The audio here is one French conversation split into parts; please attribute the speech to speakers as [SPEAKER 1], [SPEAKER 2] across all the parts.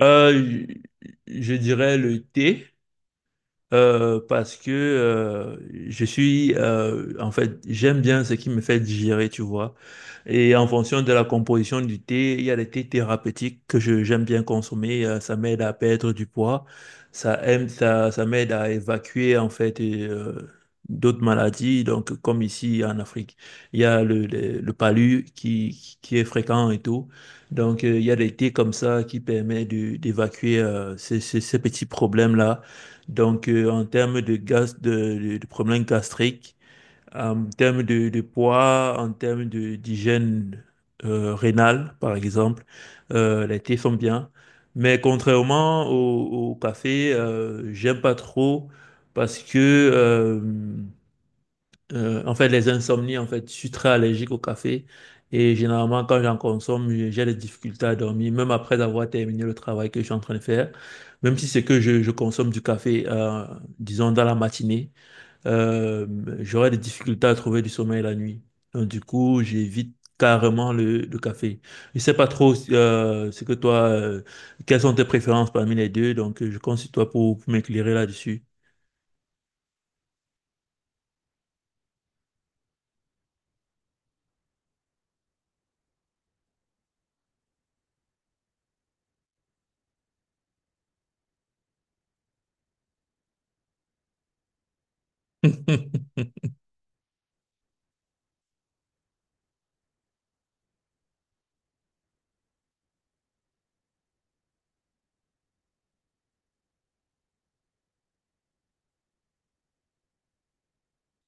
[SPEAKER 1] Euh, je dirais le thé. Parce que je suis, en fait, j'aime bien ce qui me fait digérer, tu vois. Et en fonction de la composition du thé, il y a des thés thérapeutiques que j'aime bien consommer. Ça m'aide à perdre du poids, ça aime, ça m'aide à évacuer, en fait, et d'autres maladies. Donc, comme ici en Afrique, il y a le palu qui est fréquent et tout. Donc, il y a des thés comme ça qui permettent d'évacuer ces petits problèmes-là. Donc, en termes de gaz, de problèmes gastriques, en termes de poids, en termes d'hygiène rénale, par exemple, les thés sont bien. Mais contrairement au café, j'aime pas trop parce que euh, en fait, les insomnies, en fait, je suis très allergique au café et généralement, quand j'en consomme, j'ai des difficultés à dormir, même après avoir terminé le travail que je suis en train de faire. Même si c'est que je consomme du café, disons, dans la matinée, euh, j'aurai des difficultés à trouver du sommeil la nuit. Donc, du coup, j'évite carrément le café. Je sais pas trop ce que toi, quelles sont tes préférences parmi les deux, donc je compte sur toi pour m'éclairer là-dessus.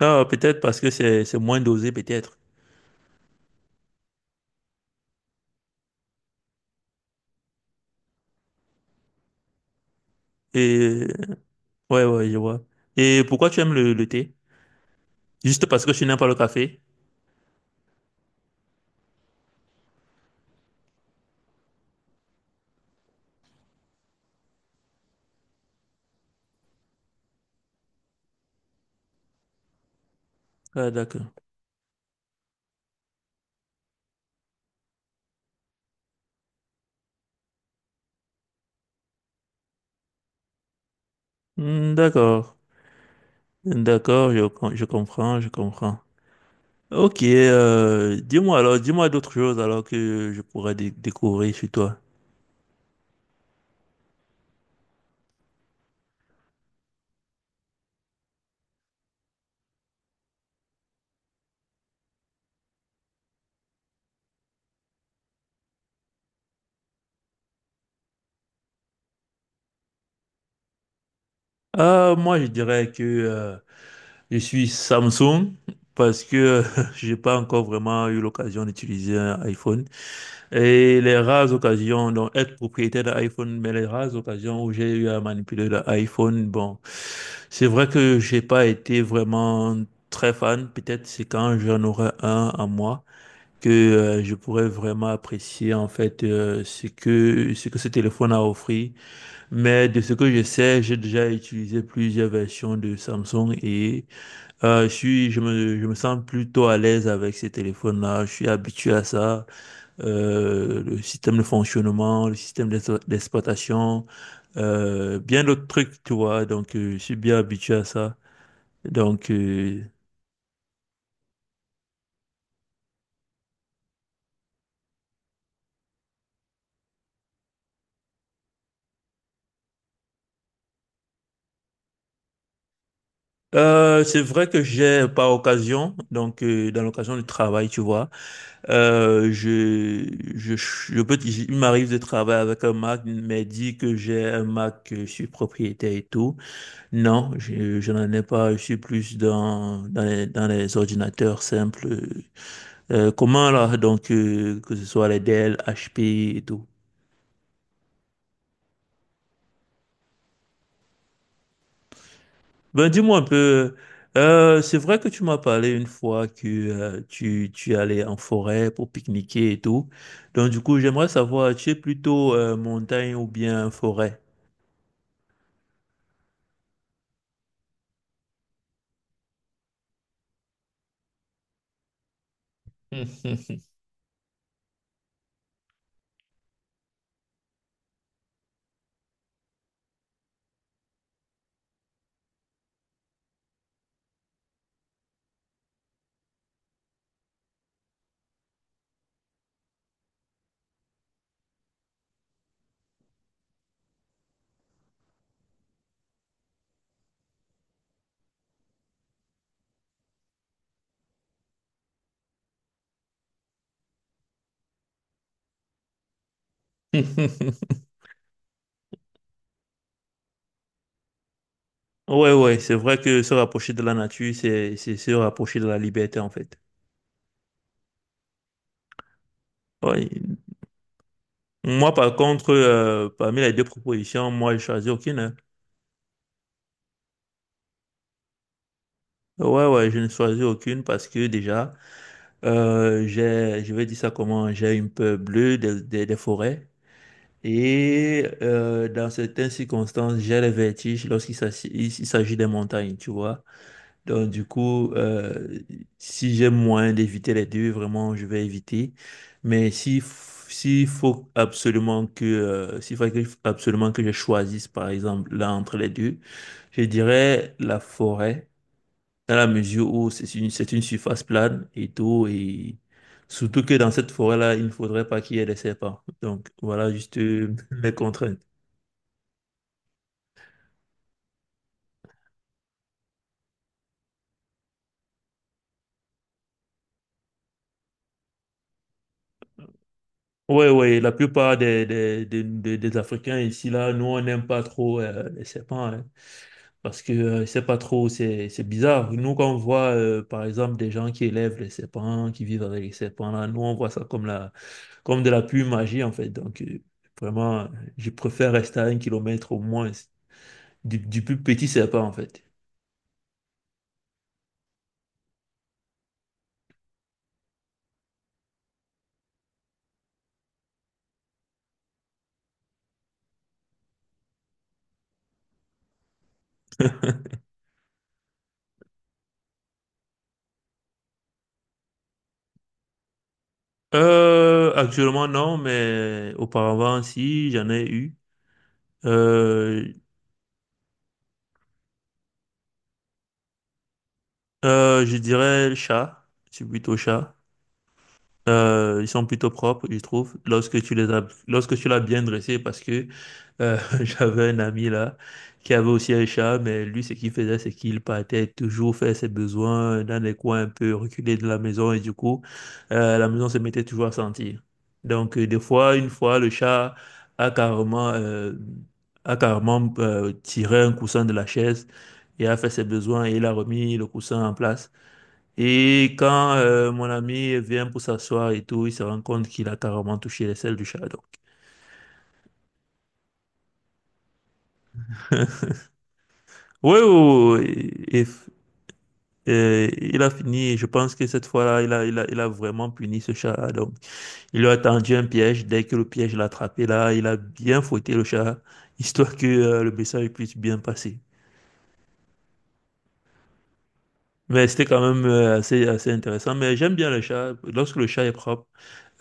[SPEAKER 1] Ah, peut-être parce que c'est moins dosé, peut-être. Et ouais, ouais, je vois. Et pourquoi tu aimes le thé? Juste parce que tu n'aimes pas le café? Ah, d'accord. Hmm, d'accord. D'accord, je comprends, je comprends. Ok, dis-moi alors, dis-moi d'autres choses alors que je pourrais découvrir chez toi. Ah, moi, je dirais que je suis Samsung parce que j'ai pas encore vraiment eu l'occasion d'utiliser un iPhone. Et les rares occasions, donc être propriétaire d'un iPhone, mais les rares occasions où j'ai eu à manipuler l'iPhone, bon, c'est vrai que j'ai pas été vraiment très fan. Peut-être c'est quand j'en aurai un à moi que je pourrais vraiment apprécier en fait ce que ce téléphone a offert. Mais de ce que je sais, j'ai déjà utilisé plusieurs versions de Samsung et je suis, je me sens plutôt à l'aise avec ces téléphones-là. Je suis habitué à ça le système de fonctionnement, le système d'exploitation, bien d'autres trucs, tu vois. Donc, je suis bien habitué à ça. Donc, c'est vrai que j'ai par occasion, donc dans l'occasion du travail, tu vois, je peux, il m'arrive de travailler avec un Mac, mais dit que j'ai un Mac, que je suis propriétaire et tout. Non, je n'en ai pas. Je suis plus dans dans les ordinateurs simples. Comment là, donc, que ce soit les Dell, HP et tout. Ben, dis-moi un peu, c'est vrai que tu m'as parlé une fois que tu allais en forêt pour pique-niquer et tout. Donc, du coup, j'aimerais savoir, tu es plutôt montagne ou bien forêt? Ouais, ouais, c'est vrai que se rapprocher de la nature, c'est se rapprocher de la liberté, en fait. Ouais. Moi, par contre, parmi les deux propositions, moi, je choisis aucune, hein. Ouais, ouais, je ne choisis aucune parce que déjà, je vais dire ça comment, j'ai une peur bleue des, des forêts. Et dans certaines circonstances, j'ai les vertiges lorsqu'il s'agit des montagnes, tu vois. Donc, du coup, si j'ai moyen d'éviter les deux, vraiment, je vais éviter. Mais si, f- s'il faut absolument que, absolument que je choisisse, par exemple, là entre les deux, je dirais la forêt dans la mesure où c'est c'est une surface plane et tout, et surtout que dans cette forêt-là, il ne faudrait pas qu'il y ait des serpents. Donc voilà juste mes contraintes. Ouais, ouais, la plupart des Africains ici, là, nous, on n'aime pas trop les serpents, hein, parce que c'est pas trop, c'est bizarre. Nous, quand on voit, par exemple, des gens qui élèvent les serpents, qui vivent avec les serpents, là, nous, on voit ça comme de la pure magie, en fait. Donc, vraiment, euh, je préfère rester à un kilomètre au moins du plus petit serpent, en fait. Actuellement, non, mais auparavant, si, j'en ai eu. Euh, je dirais le chat. C'est plutôt chat. Ils sont plutôt propres, je trouve, lorsque tu les as, lorsque tu l'as bien dressé, parce que euh, j'avais un ami là qui avait aussi un chat, mais lui, ce qu'il faisait, c'est qu'il partait toujours faire ses besoins dans des coins un peu reculés de la maison, et du coup, la maison se mettait toujours à sentir. Donc, une fois, le chat a carrément, tiré un coussin de la chaise et a fait ses besoins et il a remis le coussin en place. Et quand mon ami vient pour s'asseoir et tout, il se rend compte qu'il a carrément touché les selles du chat. Donc, oui, oui, oui. Et il a fini. Et je pense que cette fois-là, il a vraiment puni ce chat. Donc, il lui a tendu un piège. Dès que le piège l'a attrapé, là, il a bien fouetté le chat, histoire que le message puisse bien passer. Mais c'était quand même assez intéressant. Mais j'aime bien le chat. Lorsque le chat est propre,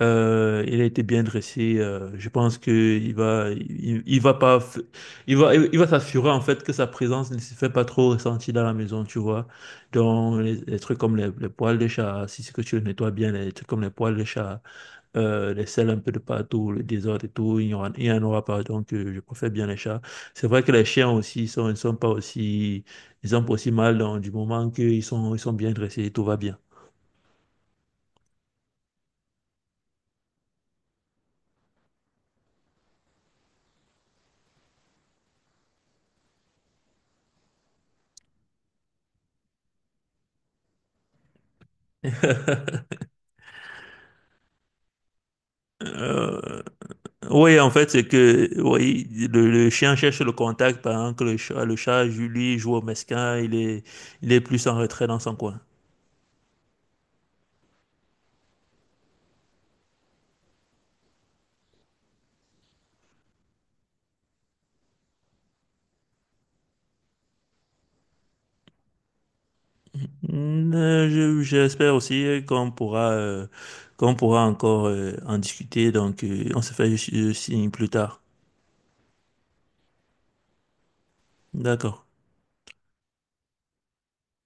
[SPEAKER 1] Il a été bien dressé, je pense que il va pas, il va s'assurer en fait que sa présence ne se fait pas trop ressentir dans la maison, tu vois. Donc les trucs comme les poils de chat, si c'est que tu le nettoies bien, les trucs comme les poils de chat, les selles un peu de partout, le désordre et tout, il y en aura pas. Donc je préfère bien les chats. C'est vrai que les chiens aussi, ils ne sont pas aussi, ils ont pas aussi mal donc, du moment ils sont bien dressés, tout va bien. Oui, en fait, c'est que oui, le chien cherche le contact pendant que le chat lui, joue au mesquin, il est plus en retrait dans son coin. Mm, j'espère aussi qu'on pourra encore en discuter, donc on se fait signe plus tard. D'accord.